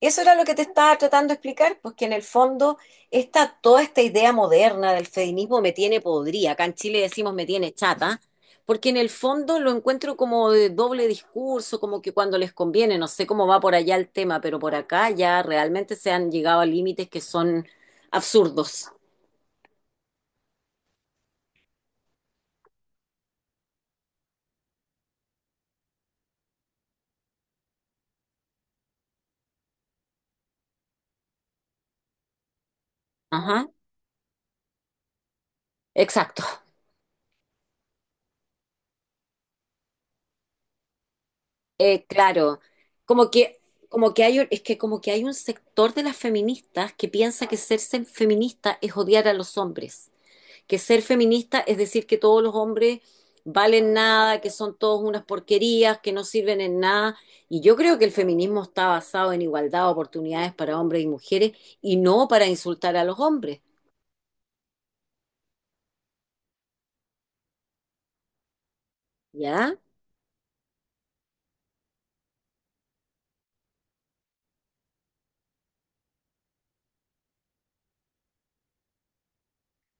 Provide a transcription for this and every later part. Eso era lo que te estaba tratando de explicar, pues que en el fondo toda esta idea moderna del feminismo me tiene podrida, acá en Chile decimos me tiene chata, porque en el fondo lo encuentro como de doble discurso, como que cuando les conviene, no sé cómo va por allá el tema, pero por acá ya realmente se han llegado a límites que son absurdos. Ajá, exacto. Claro, como que, como que hay, un- es que como que hay un sector de las feministas que piensa que ser feminista es odiar a los hombres. Que ser feminista es decir que todos los hombres valen nada, que son todos unas porquerías, que no sirven en nada. Y yo creo que el feminismo está basado en igualdad de oportunidades para hombres y mujeres y no para insultar a los hombres. ¿Ya?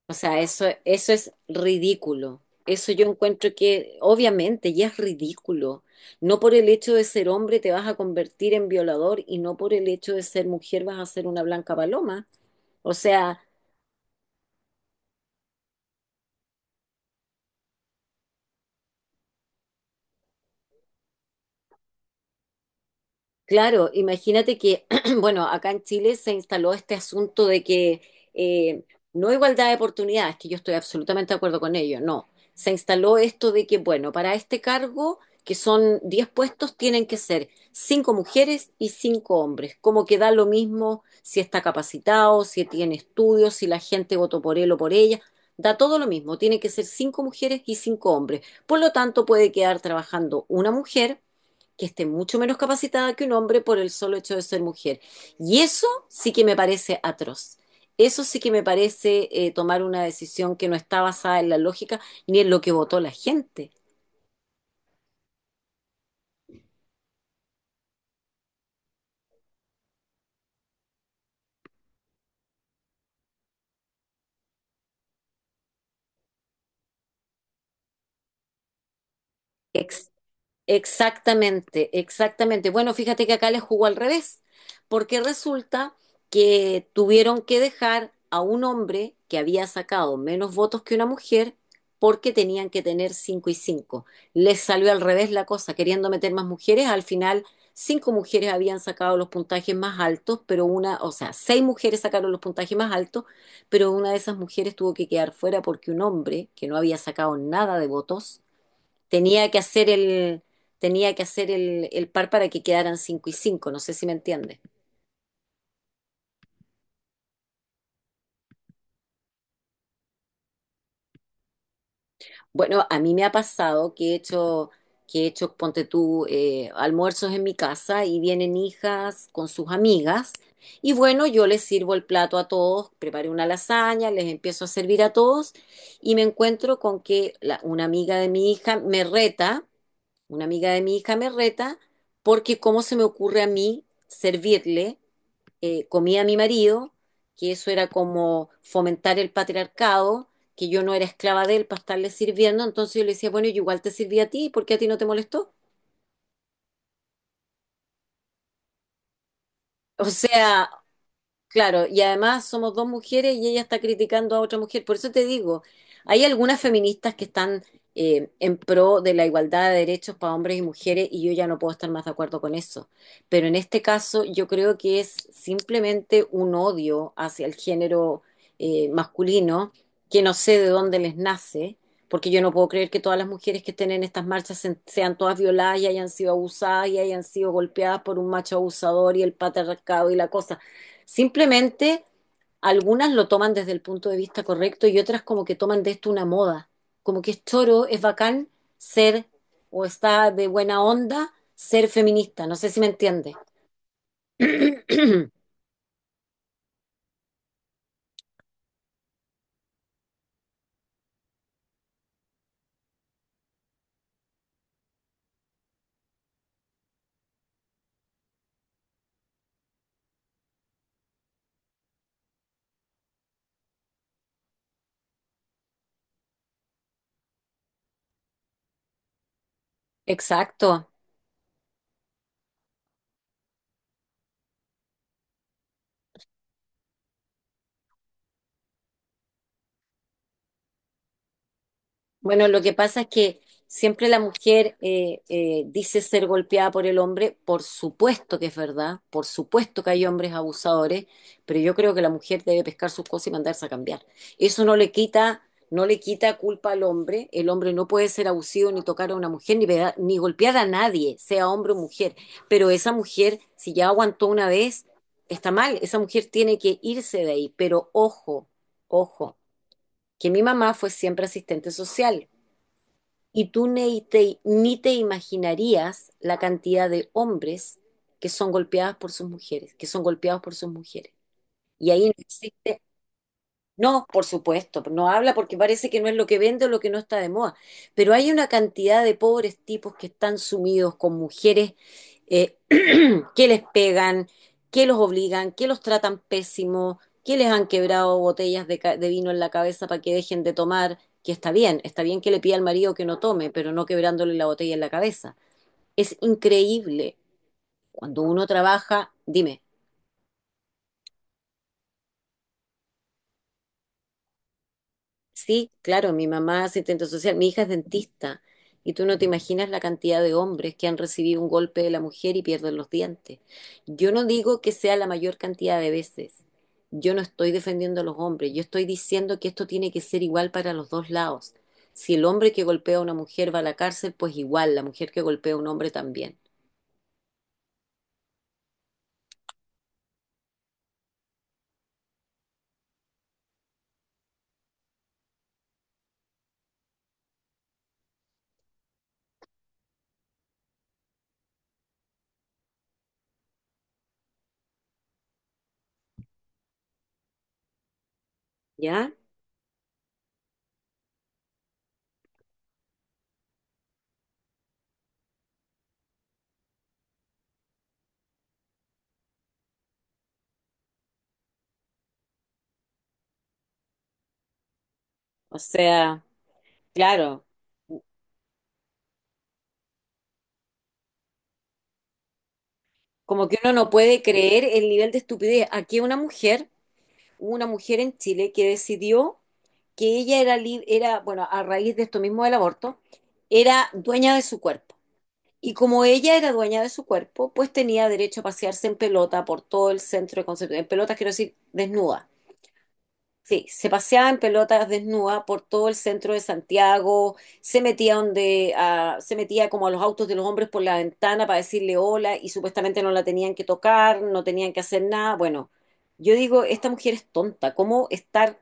O sea, eso es ridículo. Eso yo encuentro que obviamente ya es ridículo. No por el hecho de ser hombre te vas a convertir en violador y no por el hecho de ser mujer vas a ser una blanca paloma. O sea, claro, imagínate que, bueno, acá en Chile se instaló este asunto de que eh, no igualdad de oportunidades, que yo estoy absolutamente de acuerdo con ello, no. Se instaló esto de que, bueno, para este cargo, que son 10 puestos, tienen que ser 5 mujeres y 5 hombres, como que da lo mismo si está capacitado, si tiene estudios, si la gente votó por él o por ella, da todo lo mismo, tiene que ser 5 mujeres y 5 hombres. Por lo tanto, puede quedar trabajando una mujer que esté mucho menos capacitada que un hombre por el solo hecho de ser mujer. Y eso sí que me parece atroz. Eso sí que me parece tomar una decisión que no está basada en la lógica ni en lo que votó la gente. Ex- Exactamente, exactamente. Bueno, fíjate que acá les jugó al revés, porque resulta que tuvieron que dejar a un hombre que había sacado menos votos que una mujer porque tenían que tener cinco y cinco. Les salió al revés la cosa, queriendo meter más mujeres. Al final, cinco mujeres habían sacado los puntajes más altos, pero una, o sea, seis mujeres sacaron los puntajes más altos, pero una de esas mujeres tuvo que quedar fuera porque un hombre que no había sacado nada de votos Tenía que hacer el, tenía que hacer el par para que quedaran 5 y cinco, no sé si me entiendes. Bueno, a mí me ha pasado que he hecho, ponte tú, almuerzos en mi casa y vienen hijas con sus amigas. Y bueno, yo les sirvo el plato a todos, preparé una lasaña, les empiezo a servir a todos y me encuentro con que una amiga de mi hija me reta, una amiga de mi hija me reta porque cómo se me ocurre a mí servirle comía a mi marido, que eso era como fomentar el patriarcado, que yo no era esclava de él para estarle sirviendo. Entonces yo le decía, bueno, yo igual te sirví a ti, ¿por qué a ti no te molestó? O sea, claro, y además somos dos mujeres y ella está criticando a otra mujer. Por eso te digo, hay algunas feministas que están en pro de la igualdad de derechos para hombres y mujeres y yo ya no puedo estar más de acuerdo con eso. Pero en este caso yo creo que es simplemente un odio hacia el género masculino que no sé de dónde les nace, porque yo no puedo creer que todas las mujeres que estén en estas marchas sean todas violadas y hayan sido abusadas y hayan sido golpeadas por un macho abusador y el patriarcado y la cosa. Simplemente algunas lo toman desde el punto de vista correcto y otras como que toman de esto una moda, como que es choro, es bacán ser o está de buena onda ser feminista, no sé si me entiende. Exacto. Bueno, lo que pasa es que siempre la mujer dice ser golpeada por el hombre, por supuesto que es verdad, por supuesto que hay hombres abusadores, pero yo creo que la mujer debe pescar sus cosas y mandarse a cambiar. Eso no le quita culpa al hombre. El hombre no puede ser abusivo ni tocar a una mujer, ni, ni golpear a nadie, sea hombre o mujer. Pero esa mujer, si ya aguantó una vez, está mal, esa mujer tiene que irse de ahí. Pero ojo, ojo que mi mamá fue siempre asistente social. Y tú ni te, ni te imaginarías la cantidad de hombres que son golpeados por sus mujeres, que son golpeados por sus mujeres. Y ahí no existe, no, por supuesto, no habla porque parece que no es lo que vende o lo que no está de moda, pero hay una cantidad de pobres tipos que están sumidos con mujeres eh, qué les pegan, qué los obligan, qué los tratan pésimo, qué les han quebrado botellas de vino en la cabeza para que dejen de tomar, que está bien que le pida al marido que no tome, pero no quebrándole la botella en la cabeza. Es increíble. Cuando uno trabaja, dime. Sí, claro, mi mamá es asistente social, mi hija es dentista, y tú no te imaginas la cantidad de hombres que han recibido un golpe de la mujer y pierden los dientes. Yo no digo que sea la mayor cantidad de veces, yo no estoy defendiendo a los hombres, yo estoy diciendo que esto tiene que ser igual para los dos lados. Si el hombre que golpea a una mujer va a la cárcel, pues igual, la mujer que golpea a un hombre también. ¿Ya? O sea, claro, como que uno no puede creer el nivel de estupidez. Hubo una mujer en Chile que decidió que ella era, era, bueno, a raíz de esto mismo del aborto, era dueña de su cuerpo. Y como ella era dueña de su cuerpo, pues tenía derecho a pasearse en pelota por todo el centro de Concepción. En pelotas quiero decir desnuda. Sí, se paseaba en pelotas desnuda por todo el centro de Santiago, se metía como a los autos de los hombres por la ventana para decirle hola y supuestamente no la tenían que tocar, no tenían que hacer nada. Bueno, yo digo, esta mujer es tonta, ¿cómo estar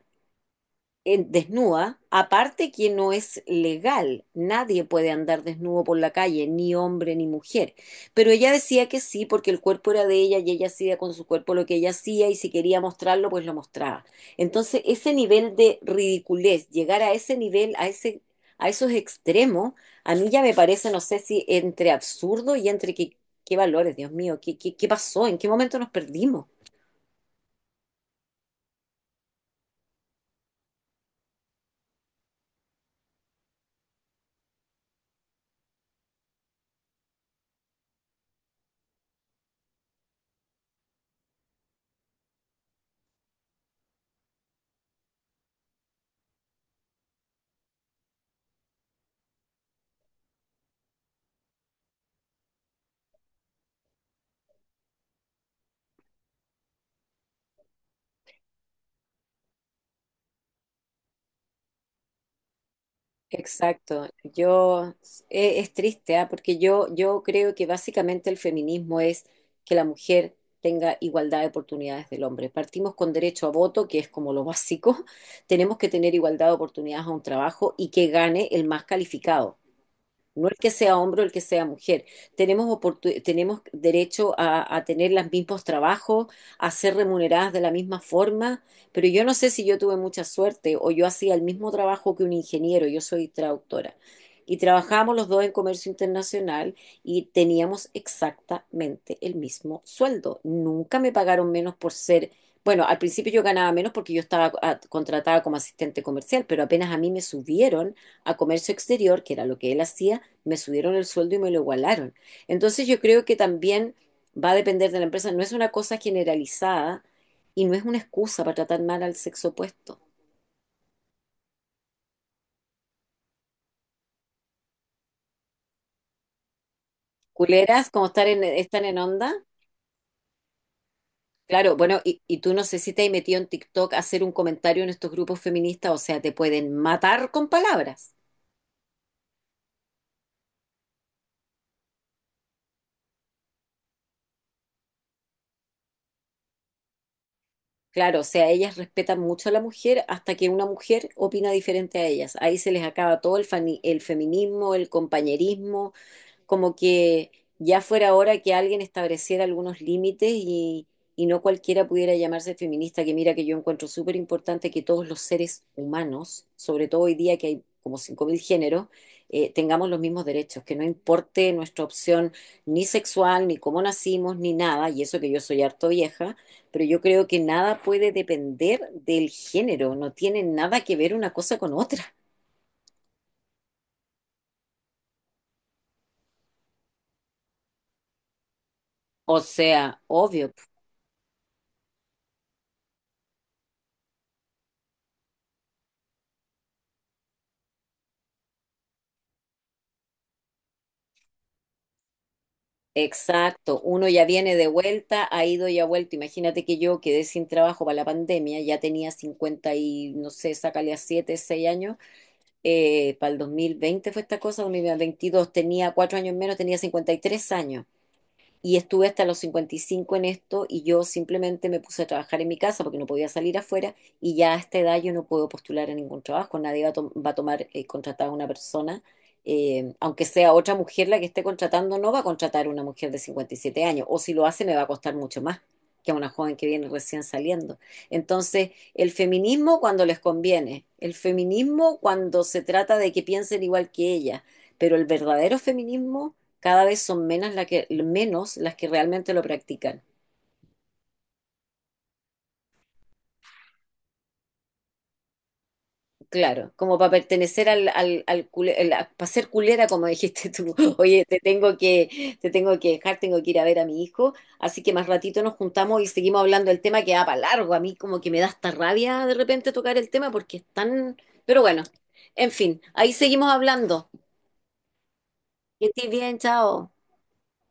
desnuda? Aparte que no es legal, nadie puede andar desnudo por la calle, ni hombre ni mujer. Pero ella decía que sí, porque el cuerpo era de ella y ella hacía con su cuerpo lo que ella hacía y si quería mostrarlo, pues lo mostraba. Entonces, ese nivel de ridiculez, llegar a ese nivel, a ese, a esos extremos, a mí ya me parece, no sé si entre absurdo y entre qué, qué valores, Dios mío, qué pasó, en qué momento nos perdimos. Exacto. Yo es, triste, ¿ah? Porque yo creo que básicamente el feminismo es que la mujer tenga igualdad de oportunidades del hombre. Partimos con derecho a voto, que es como lo básico. Tenemos que tener igualdad de oportunidades a un trabajo y que gane el más calificado. No el que sea hombre o el que sea mujer. Tenemos derecho a tener los mismos trabajos, a ser remuneradas de la misma forma, pero yo no sé si yo tuve mucha suerte o yo hacía el mismo trabajo que un ingeniero. Yo soy traductora. Y trabajábamos los dos en comercio internacional y teníamos exactamente el mismo sueldo. Nunca me pagaron menos por ser, bueno, al principio yo ganaba menos porque yo estaba contratada como asistente comercial, pero apenas a mí me subieron a comercio exterior, que era lo que él hacía, me subieron el sueldo y me lo igualaron. Entonces yo creo que también va a depender de la empresa, no es una cosa generalizada y no es una excusa para tratar mal al sexo opuesto. Culeras, como estar en, están en onda. Claro, bueno, y tú no sé si te has metido en TikTok a hacer un comentario en estos grupos feministas, o sea, te pueden matar con palabras. Claro, o sea, ellas respetan mucho a la mujer hasta que una mujer opina diferente a ellas. Ahí se les acaba todo el feminismo, el compañerismo, como que ya fuera hora que alguien estableciera algunos límites y no cualquiera pudiera llamarse feminista, que mira que yo encuentro súper importante que todos los seres humanos, sobre todo hoy día que hay como 5.000 géneros, tengamos los mismos derechos, que no importe nuestra opción ni sexual, ni cómo nacimos, ni nada, y eso que yo soy harto vieja, pero yo creo que nada puede depender del género, no tiene nada que ver una cosa con otra. O sea, obvio. Exacto, uno ya viene de vuelta, ha ido y ha vuelto. Imagínate que yo quedé sin trabajo para la pandemia, ya tenía 50 y no sé, sácale a 7, 6 años. Para el 2020 fue esta cosa, 2022 tenía 4 años menos, tenía 53 años. Y estuve hasta los 55 en esto y yo simplemente me puse a trabajar en mi casa porque no podía salir afuera y ya a esta edad yo no puedo postular a ningún trabajo. Nadie va a, to- va a tomar contratada a una persona, aunque sea otra mujer la que esté contratando, no va a contratar a una mujer de 57 años o si lo hace me va a costar mucho más que a una joven que viene recién saliendo. Entonces, el feminismo cuando les conviene, el feminismo cuando se trata de que piensen igual que ella, pero el verdadero feminismo cada vez son menos, menos las que realmente lo practican. Claro, como para pertenecer para ser culera, como dijiste tú. Oye, te tengo que dejar, tengo que ir a ver a mi hijo, así que más ratito nos juntamos y seguimos hablando del tema que va para largo. A mí como que me da hasta rabia de repente tocar el tema porque es tan... Pero bueno, en fin, ahí seguimos hablando. Que estés bien, chao.